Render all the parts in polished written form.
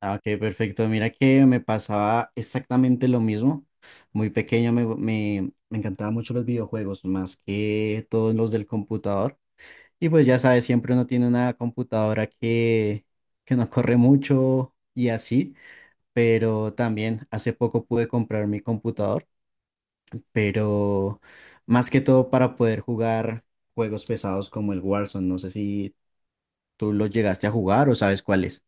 Ah, ok, perfecto. Mira que me pasaba exactamente lo mismo. Muy pequeño me encantaban mucho los videojuegos, más que todos los del computador. Y pues ya sabes, siempre uno tiene una computadora que no corre mucho y así. Pero también hace poco pude comprar mi computador, pero más que todo para poder jugar juegos pesados como el Warzone. No sé si tú lo llegaste a jugar o sabes cuál es.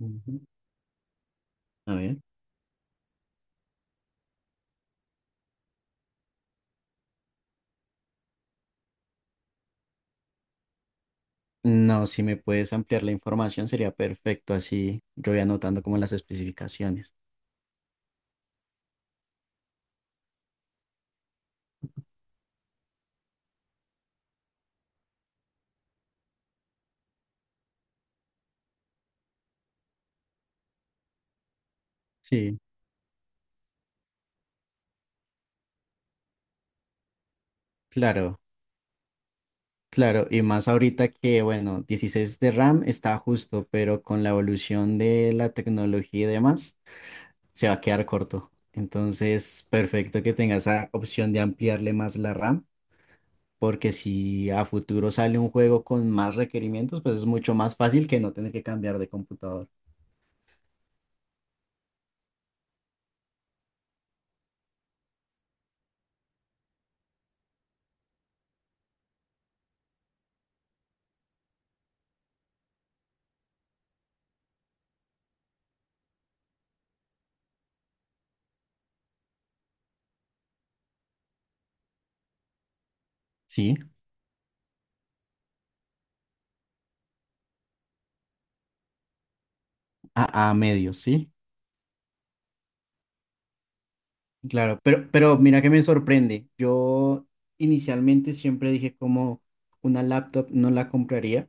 Ujú. A ver. No, si me puedes ampliar la información sería perfecto, así yo voy anotando como las especificaciones. Sí, claro, claro, y más ahorita que, bueno, 16 de RAM está justo, pero con la evolución de la tecnología y demás, se va a quedar corto. Entonces, perfecto que tenga esa opción de ampliarle más la RAM, porque si a futuro sale un juego con más requerimientos, pues es mucho más fácil que no tener que cambiar de computador. Sí, a medios, sí. Claro, pero mira que me sorprende. Yo inicialmente siempre dije como una laptop no la compraría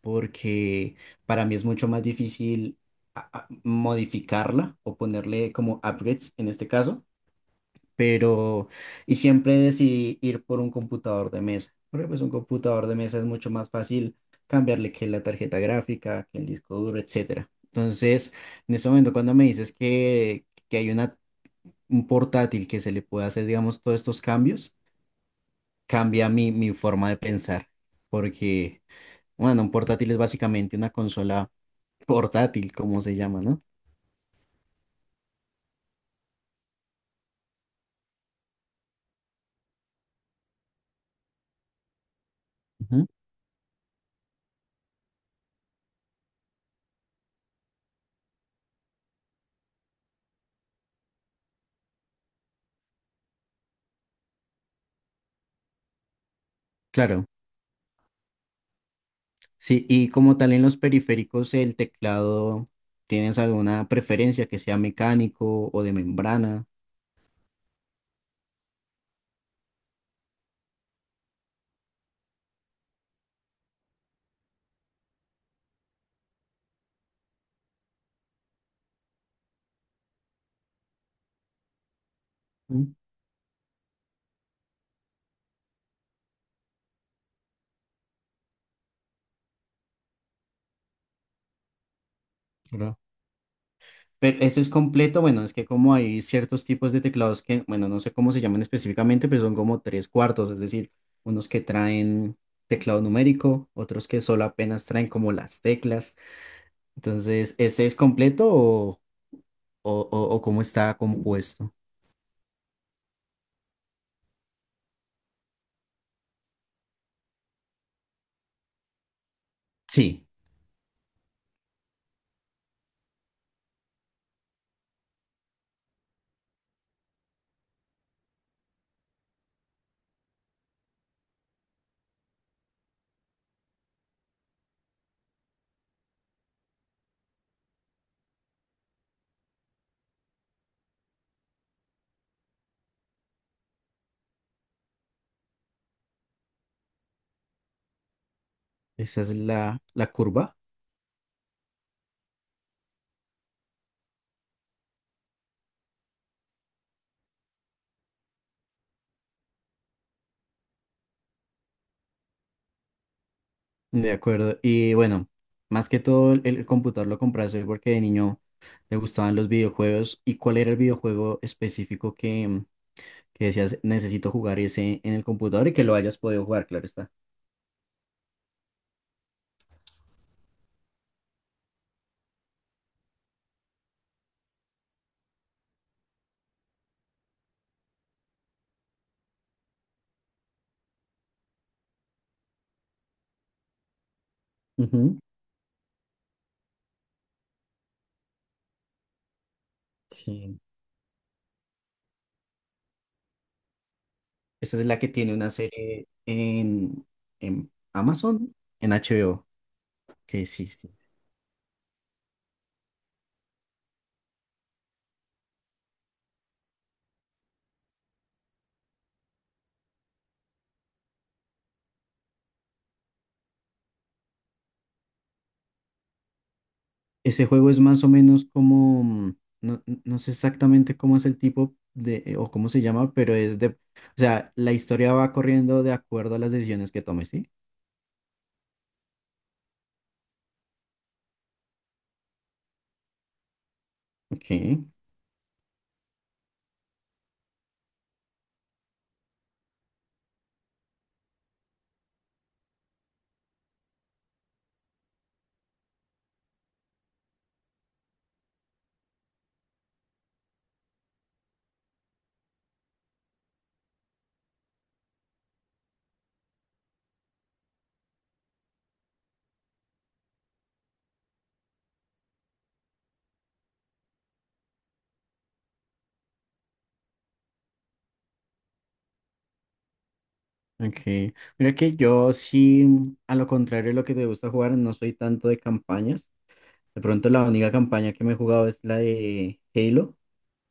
porque para mí es mucho más difícil modificarla o ponerle como upgrades en este caso, pero y siempre decidí ir por un computador de mesa, porque pues un computador de mesa es mucho más fácil cambiarle que la tarjeta gráfica, que el disco duro, etcétera. Entonces, en ese momento cuando me dices que hay una un portátil que se le pueda hacer, digamos, todos estos cambios, cambia mi forma de pensar. Porque, bueno, un portátil es básicamente una consola portátil, como se llama, ¿no? Ujú. Claro, sí, y como tal en los periféricos, el teclado, ¿tienes alguna preferencia que sea mecánico o de membrana? Mm, claro. Pero ese es completo, bueno, es que como hay ciertos tipos de teclados que, bueno, no sé cómo se llaman específicamente, pero son como tres cuartos, es decir, unos que traen teclado numérico, otros que solo apenas traen como las teclas. Entonces, ¿ese es completo o, o cómo está compuesto? Sí, esa es la curva. De acuerdo. Y bueno, más que todo el computador lo compraste porque de niño te gustaban los videojuegos. ¿Y cuál era el videojuego específico que decías, necesito jugar ese en el computador y que lo hayas podido jugar, claro está. Ujú. Sí. Esta es la que tiene una serie en Amazon, en HBO, que sí, sí. Ese juego es más o menos como, no, no sé exactamente cómo es el tipo de, o cómo se llama, pero es de, o sea, la historia va corriendo de acuerdo a las decisiones que tomes, ¿sí? Ok, ok. Mira que yo sí, a lo contrario de lo que te gusta jugar, no soy tanto de campañas. De pronto la única campaña que me he jugado es la de Halo,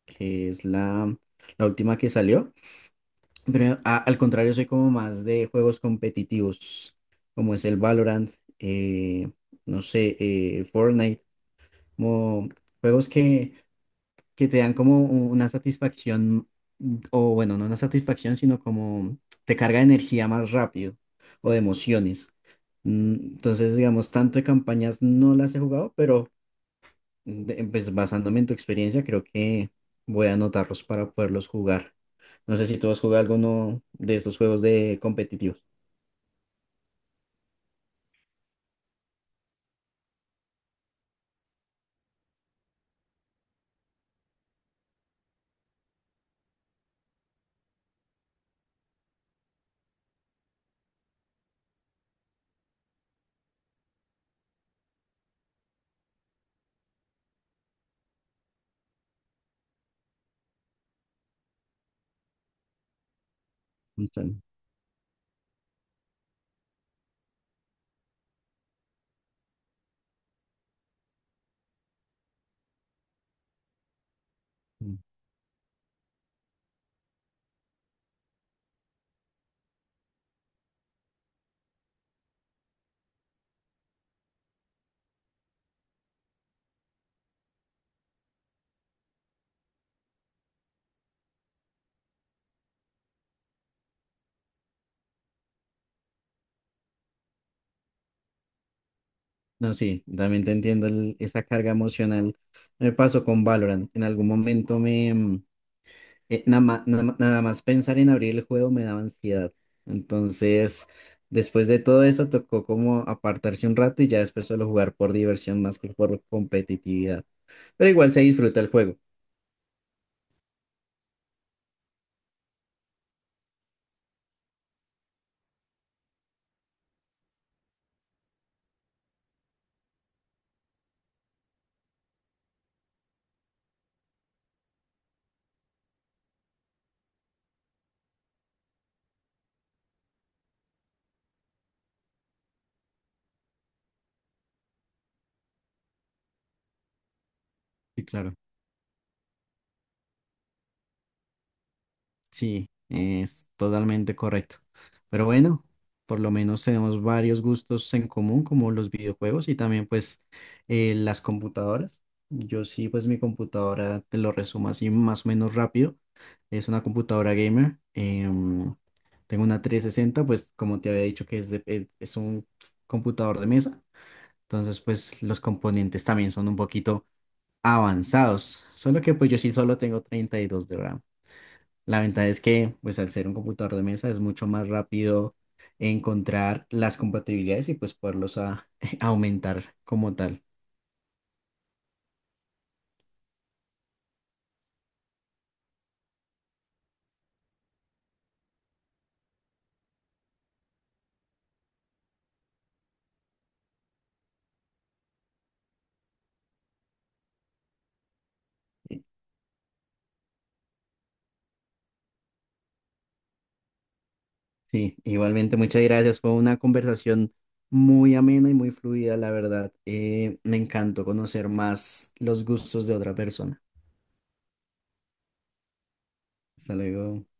que es la última que salió. Pero al contrario, soy como más de juegos competitivos, como es el Valorant, eh, no sé, Fortnite, como juegos que te dan como una satisfacción, mm, o bueno, no una satisfacción, sino como te carga de energía más rápido o de emociones. Entonces, digamos, tanto de campañas no las he jugado, pero Pues basándome en tu experiencia, creo que voy a anotarlos para poderlos jugar. No sé si tú has jugado alguno de estos juegos de competitivos. Entonces, mm, No, sí, también te entiendo esa carga emocional. Me pasó con Valorant. En algún momento me... mm, nada ma- nada ma- nada más pensar en abrir el juego me daba ansiedad. Entonces, después de todo eso, tocó como apartarse un rato y ya después solo jugar por diversión más que por competitividad. Pero igual se disfruta el juego. Sí, claro. Sí, es totalmente correcto. Pero bueno, por lo menos tenemos varios gustos en común, como los videojuegos y también pues las computadoras. Yo sí, pues mi computadora, te lo resumo así más o menos rápido. Es una computadora gamer. Tengo una 360, pues como te había dicho que es, es un computador de mesa. Entonces pues los componentes también son un poquito avanzados. Solo que pues yo sí solo tengo 32 de RAM. La ventaja es que, pues al ser un computador de mesa, es mucho más rápido encontrar las compatibilidades y pues poderlos aumentar como tal. Sí, igualmente, muchas gracias. Fue una conversación muy amena y muy fluida, la verdad. Me encantó conocer más los gustos de otra persona. Hasta luego.